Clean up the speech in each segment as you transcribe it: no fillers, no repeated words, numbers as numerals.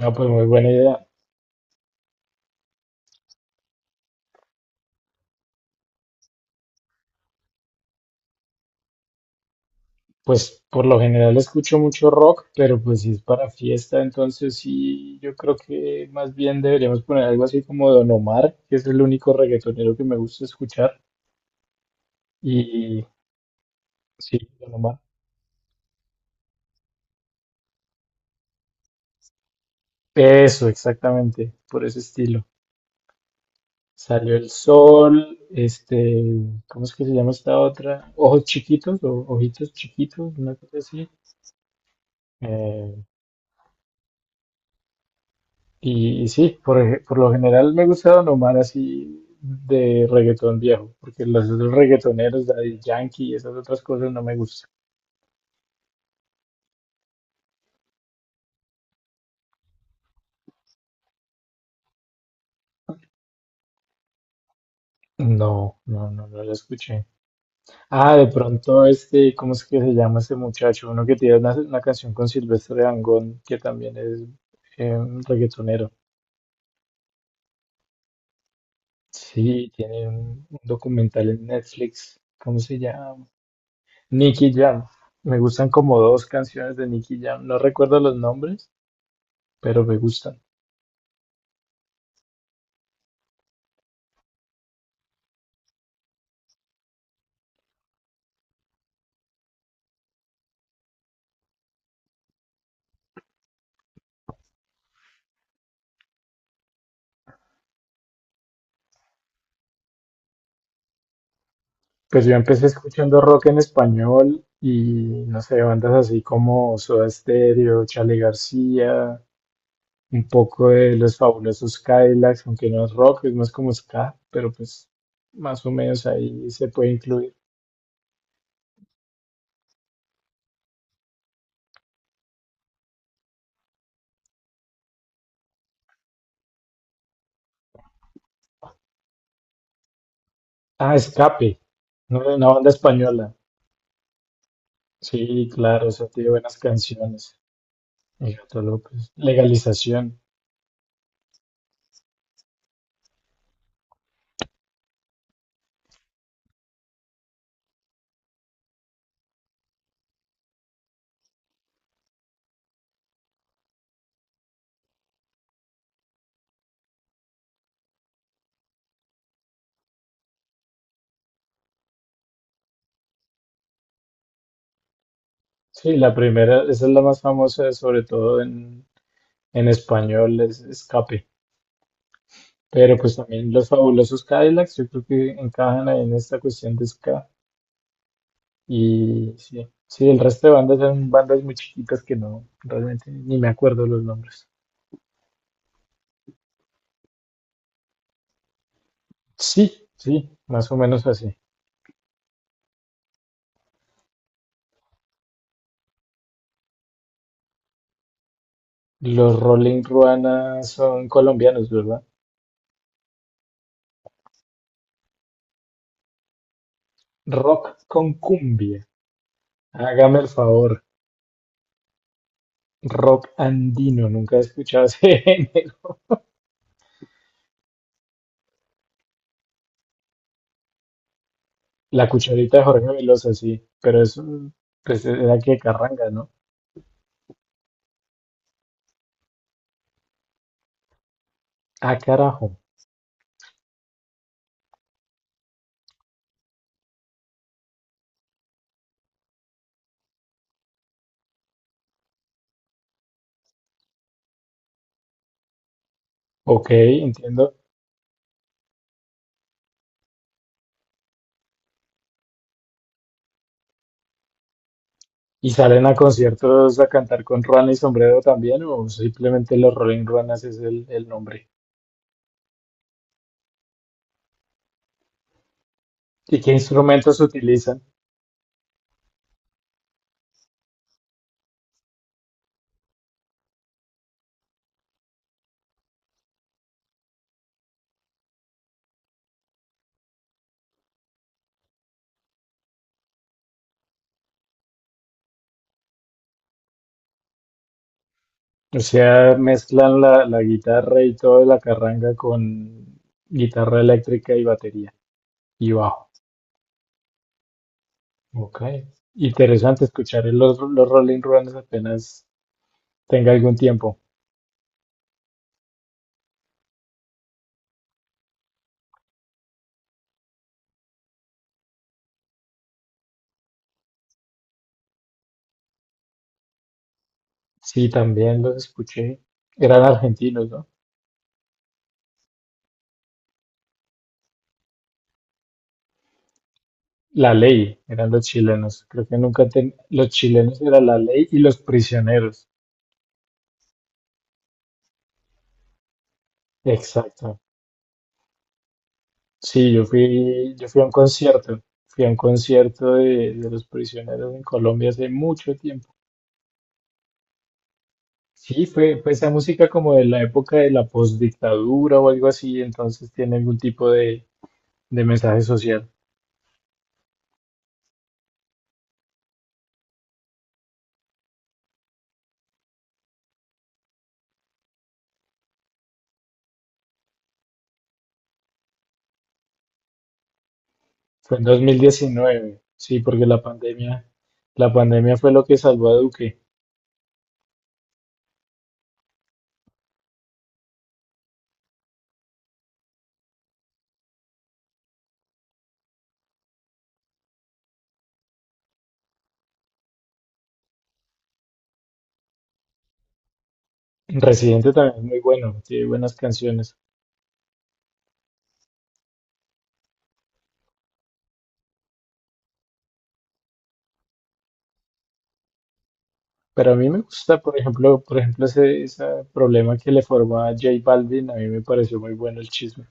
Ah, pues muy buena idea. Pues por lo general escucho mucho rock, pero pues si es para fiesta, entonces sí, yo creo que más bien deberíamos poner algo así como Don Omar, que es el único reggaetonero que me gusta escuchar. Y sí, Don Omar. Eso, exactamente, por ese estilo. Salió el sol, este, ¿cómo es que se llama esta otra? Ojos chiquitos o ojitos chiquitos, una cosa así. Eh, y sí, por lo general me gusta Don Omar así de reggaetón viejo, porque los otros reggaetoneros, Daddy Yankee y esas otras cosas no me gustan. No, no, no, no lo escuché. Ah, de pronto este, ¿cómo es que se llama ese muchacho? Uno que tiene una canción con Silvestre Dangond, que también es un reggaetonero. Sí, tiene un documental en Netflix. ¿Cómo se llama? Nicky Jam. Me gustan como dos canciones de Nicky Jam. No recuerdo los nombres, pero me gustan. Pues yo empecé escuchando rock en español y no sé, bandas así como Soda Stereo, Charly García, un poco de Los Fabulosos Cadillacs, aunque no es rock, es más como ska, pero pues más o menos ahí se puede incluir. Ah, Escape, ¿no? Una banda española. Sí, claro, o sea tiene buenas canciones. Y Gato López. Legalización. Sí, la primera, esa es la más famosa, sobre todo en español, es Escape. Pero pues también los fabulosos Cadillacs, yo creo que encajan ahí en esta cuestión de ska. Y sí, sí, el resto de bandas son bandas muy chiquitas que no, realmente ni me acuerdo los nombres. Sí, sí, más o menos así. Los Rolling Ruana son colombianos, ¿verdad? Rock con cumbia. Hágame el favor. Rock andino, nunca he escuchado ese género. La cucharita de Jorge Velosa, sí, pero eso, pues era que carranga, ¿no? Ah, carajo. Ok, entiendo. ¿Y salen a conciertos a cantar con ruana y sombrero también, o simplemente los Rolling Ruanas es el nombre? ¿Y qué instrumentos utilizan? O sea, mezclan la guitarra y toda la carranga con guitarra eléctrica y batería y bajo. Ok. Interesante escuchar los Rolling Ruanas apenas tenga algún tiempo. Sí, también los escuché. Eran argentinos, ¿no? La ley, eran los chilenos. Creo que nunca los chilenos era la ley y los prisioneros. Exacto. Sí, yo fui a un concierto. Fui a un concierto de Los Prisioneros en Colombia hace mucho tiempo. Sí, fue esa música como de la época de la postdictadura o algo así, entonces tiene algún tipo de mensaje social. Fue en 2019, sí, porque la pandemia fue lo que salvó a Duque. Residente también es muy bueno, tiene buenas canciones. Pero a mí me gusta, por ejemplo, ese problema que le formó a J Balvin, a mí me pareció muy bueno el chisme.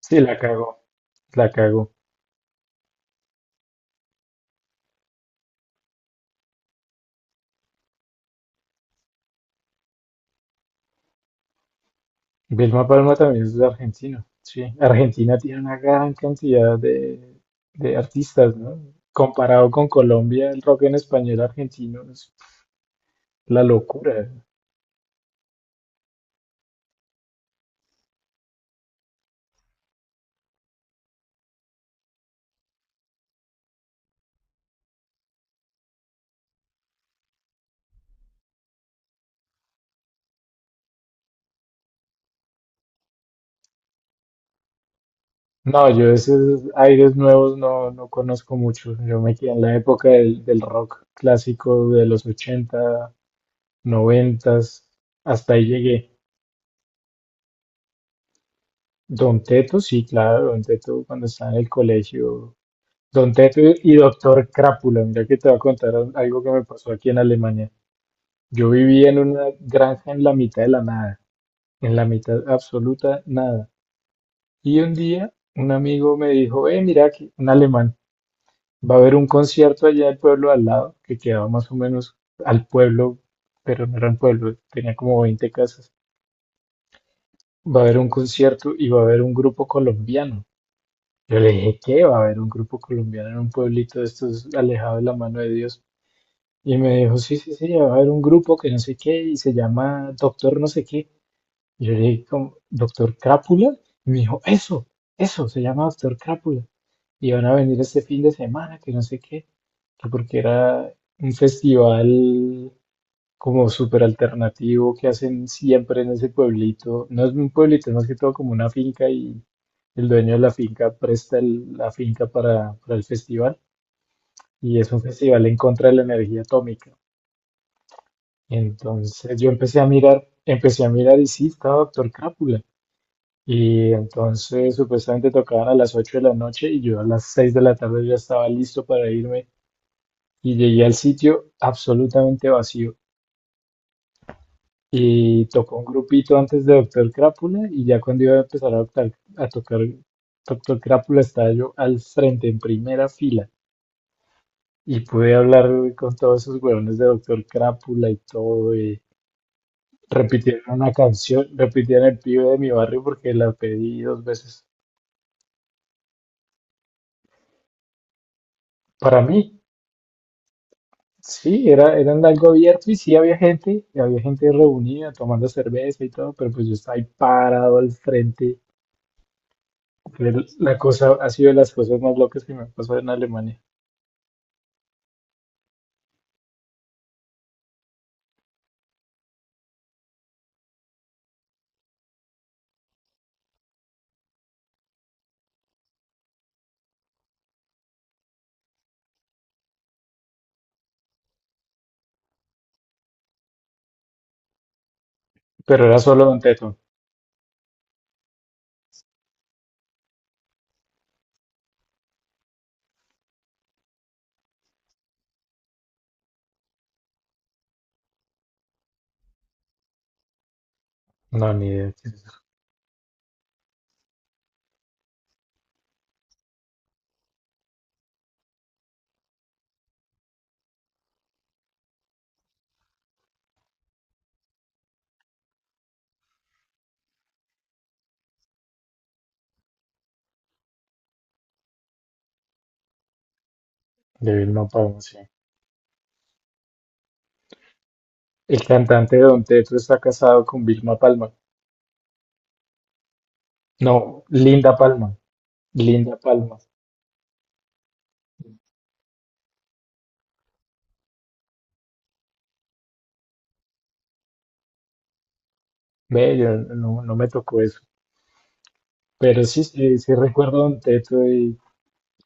Sí, la cagó, la cagó. Vilma Palma también es de Argentina. Sí, Argentina tiene una gran cantidad de artistas, ¿no? Comparado con Colombia, el rock en español argentino es la locura. No, yo esos aires nuevos no conozco mucho. Yo me quedé en la época del rock clásico de los 80, 90, hasta ahí llegué. Don Teto, sí, claro, Don Teto cuando estaba en el colegio. Don Teto y Doctor Crápula, mira que te voy a contar algo que me pasó aquí en Alemania. Yo vivía en una granja en la mitad de la nada, en la mitad absoluta nada. Y un día un amigo me dijo, mira que un alemán, va a haber un concierto allá en el pueblo al lado, que quedaba más o menos al pueblo, pero no era un pueblo, tenía como 20 casas. Va a haber un concierto y va a haber un grupo colombiano. Yo le dije, ¿qué? Va a haber un grupo colombiano en un pueblito de estos alejado de la mano de Dios. Y me dijo, sí, sí, sí, va a haber un grupo que no sé qué y se llama Doctor no sé qué. Y yo le dije, como, ¿Doctor Crápula? Y me dijo, eso, se llama Doctor Crápula. Y van a venir este fin de semana, que no sé qué, que porque era un festival como súper alternativo que hacen siempre en ese pueblito. No es un pueblito, es más que todo como una finca, y el dueño de la finca presta la finca para el festival. Y es un festival en contra de la energía atómica. Entonces yo empecé a mirar y sí, estaba Doctor Crápula. Y entonces supuestamente tocaban a las 8 de la noche y yo a las 6 de la tarde ya estaba listo para irme, y llegué al sitio absolutamente vacío. Y tocó un grupito antes de Doctor Crápula, y ya cuando iba a empezar a tocar Doctor Crápula, estaba yo al frente en primera fila y pude hablar con todos esos huevones de Doctor Crápula y todo. Repitieron una canción, repitían el pibe de mi barrio porque la pedí dos veces. Para mí, sí, era en algo abierto y sí había gente, y había gente reunida tomando cerveza y todo, pero pues yo estaba ahí parado al frente. Fue La cosa ha sido de las cosas más locas que me pasó en Alemania. Pero era solo Don Teto. No, ni idea. Qué es. De Vilma Palma, sí. El cantante de Don Teto está casado con Vilma Palma. No, Linda Palma. Linda Palma. Ve, yo no me tocó eso. Pero sí, sí, sí recuerdo Don Teto y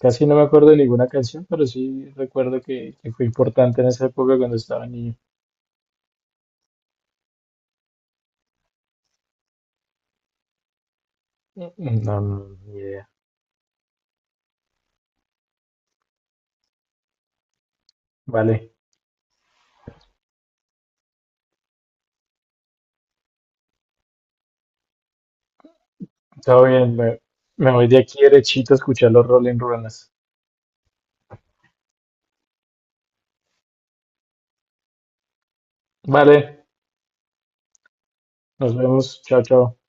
casi no me acuerdo de ninguna canción, pero sí recuerdo que fue importante en esa época cuando estaba niño. No, no, ni idea. Vale, todo bien, me voy de aquí derechito a escuchar los Rolling Runas. Vale, nos vemos, chao, chao.